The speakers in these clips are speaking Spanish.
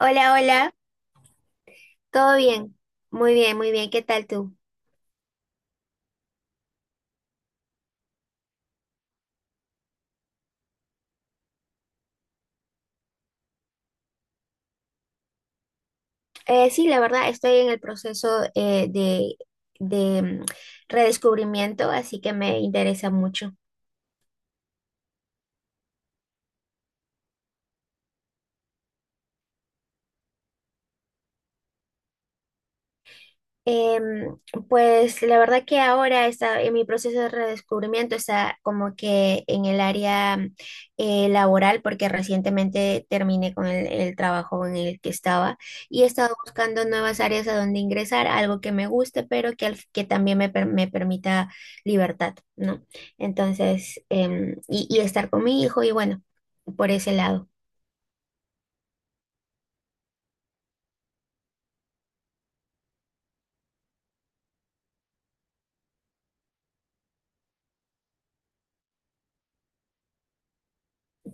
Hola, hola, ¿todo bien? Muy bien, muy bien, ¿qué tal tú? Sí, la verdad, estoy en el proceso de, de redescubrimiento, así que me interesa mucho. Em, pues la verdad que ahora está en mi proceso de redescubrimiento está como que en el área laboral porque recientemente terminé con el trabajo en el que estaba y he estado buscando nuevas áreas a donde ingresar, algo que me guste pero que, que también me, me permita libertad, ¿no? Entonces, y estar con mi hijo y bueno, por ese lado.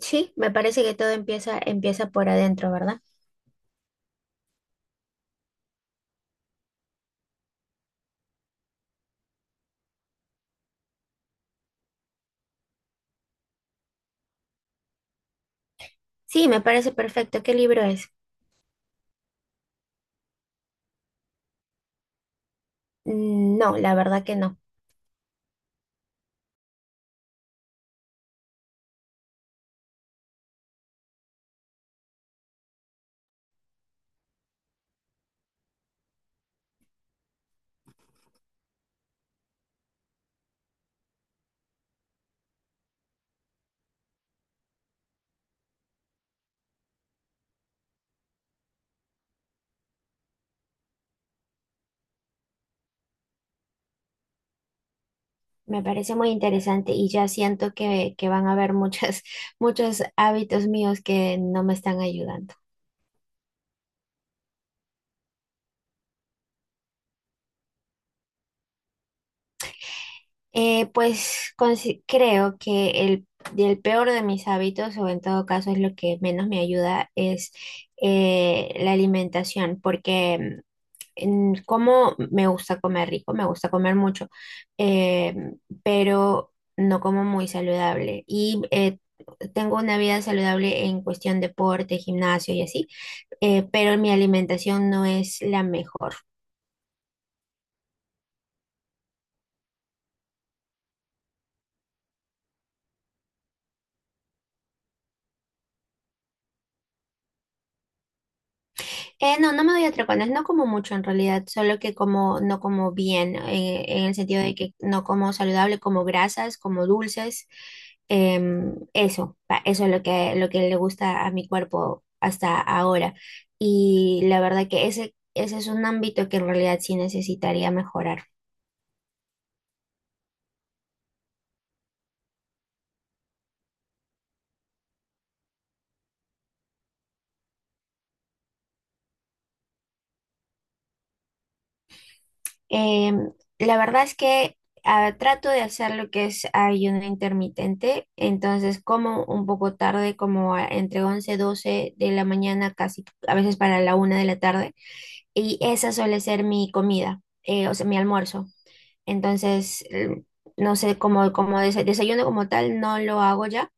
Sí, me parece que todo empieza, empieza por adentro, ¿verdad? Sí, me parece perfecto. ¿Qué libro es? No, la verdad que no. Me parece muy interesante y ya siento que van a haber muchos hábitos míos que no me están ayudando. Pues creo que el peor de mis hábitos, o en todo caso es lo que menos me ayuda, es la alimentación, porque en como me gusta comer rico, me gusta comer mucho, eh, pero no como muy saludable. Y tengo una vida saludable en cuestión deporte, gimnasio y así, pero mi alimentación no es la mejor. No, no me doy atracones, no como mucho en realidad, solo que como, no como bien, en el sentido de que no como saludable, como grasas, como dulces, eso, eso es lo que le gusta a mi cuerpo hasta ahora. Y la verdad que ese es un ámbito que en realidad sí necesitaría mejorar. Em, la verdad es que trato de hacer lo que es ayuno intermitente, entonces como un poco tarde, como entre 11 12 de la mañana, casi a veces para la 1 de la tarde, y esa suele ser mi comida, o sea, mi almuerzo. Entonces, no sé, como desayuno como tal no lo hago ya,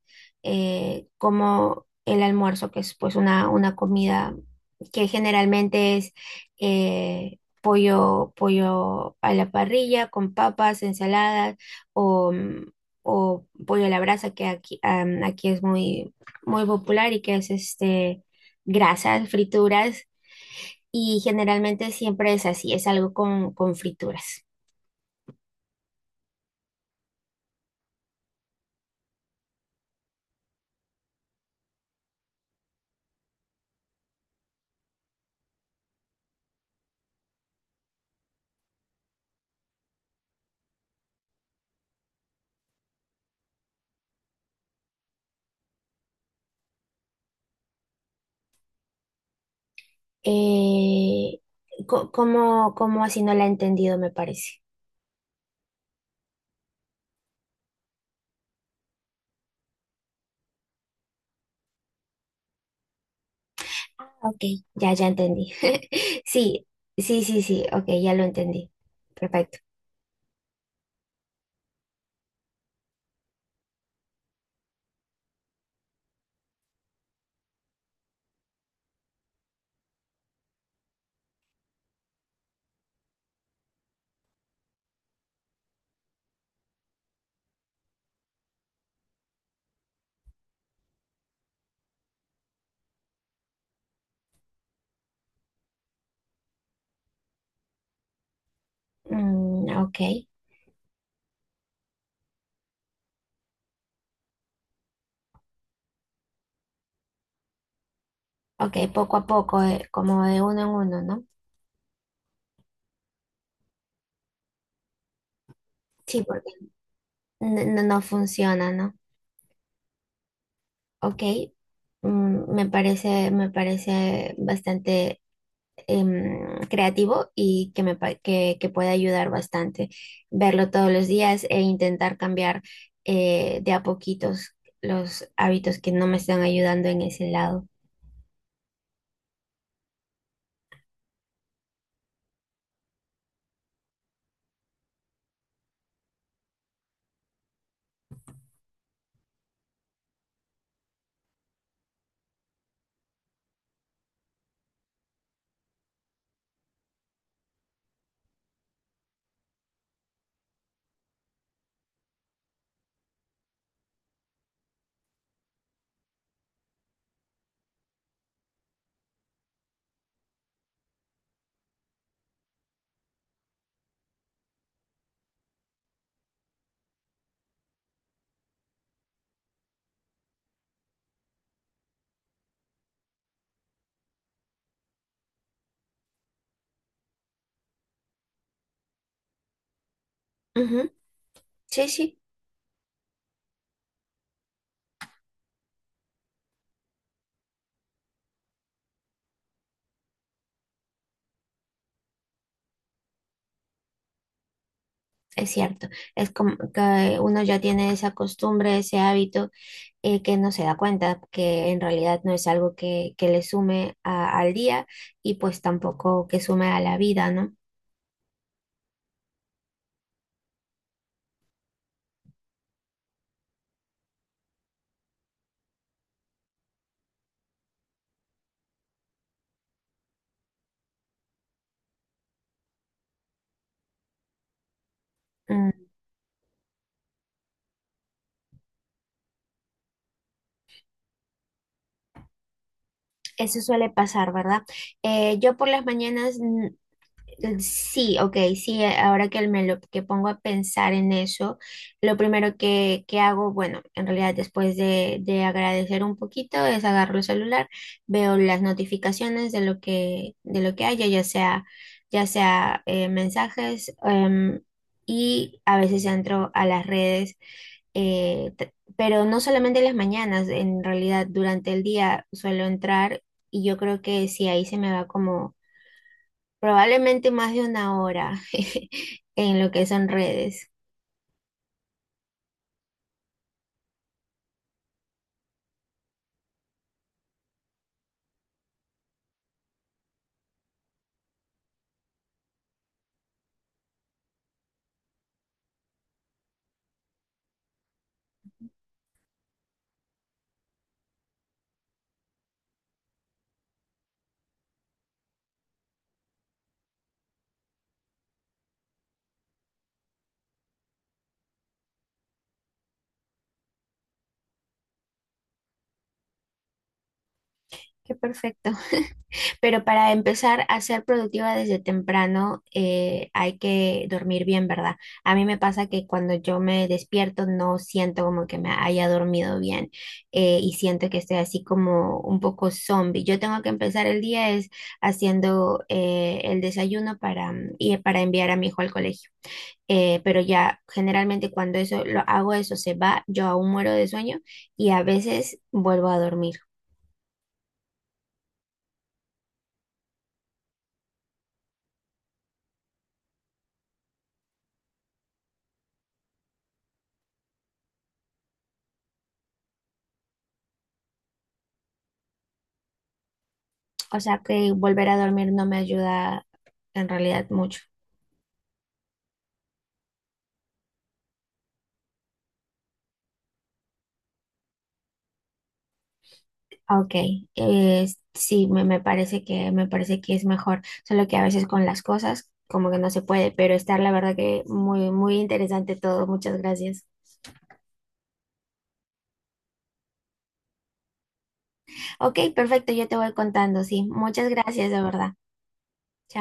como el almuerzo, que es pues una comida que generalmente es pollo, pollo a la parrilla con papas, ensaladas o, o pollo a la brasa, que aquí, aquí es muy, muy popular y que es este, grasas, frituras. Y generalmente siempre es así, es algo con frituras. Eh, ¿Cómo, cómo así? No la he entendido, me parece. Ok. Ya, ya entendí. Sí, sí, sí, sí, ok, ya lo entendí. Perfecto. Mm, ok, ok, poco a poco, como de uno en uno, ¿no? Sí, porque no, no funciona, ¿no? Ok, me parece bastante creativo y que que puede ayudar bastante verlo todos los días e intentar cambiar de a poquitos los hábitos que no me están ayudando en ese lado. Ujú, sí, sí, es cierto. Es como que uno ya tiene esa costumbre, ese hábito, que no se da cuenta que en realidad no es algo que le sume al día y pues tampoco que sume a la vida, ¿no? Mm, Eso suele pasar, ¿verdad? Yo por las mañanas Sí, ok, sí, ahora que me lo que pongo a pensar en eso, lo primero que hago, bueno, en realidad después de agradecer un poquito es agarro el celular, veo las notificaciones de lo que haya, ya sea mensajes, y a veces entro a las redes pero no solamente en las mañanas, en realidad durante el día suelo entrar y yo creo que si ahí se me va como probablemente más de 1 hora en lo que son redes. Qué perfecto. Pero para empezar a ser productiva desde temprano, hay que dormir bien, ¿verdad? A mí me pasa que cuando yo me despierto no siento como que me haya dormido bien y siento que estoy así como un poco zombie. Yo tengo que empezar el día es haciendo el desayuno para, y para enviar a mi hijo al colegio. Pero ya generalmente cuando eso lo hago eso se va, yo aún muero de sueño y a veces vuelvo a dormir. O sea que volver a dormir no me ayuda en realidad mucho. Ah, ok, eh, sí, me parece que es mejor, solo que a veces con las cosas como que no se puede, pero estar la verdad que muy muy interesante todo. Muchas gracias. Ok, perfecto, yo te voy contando, sí. Muchas gracias, de verdad.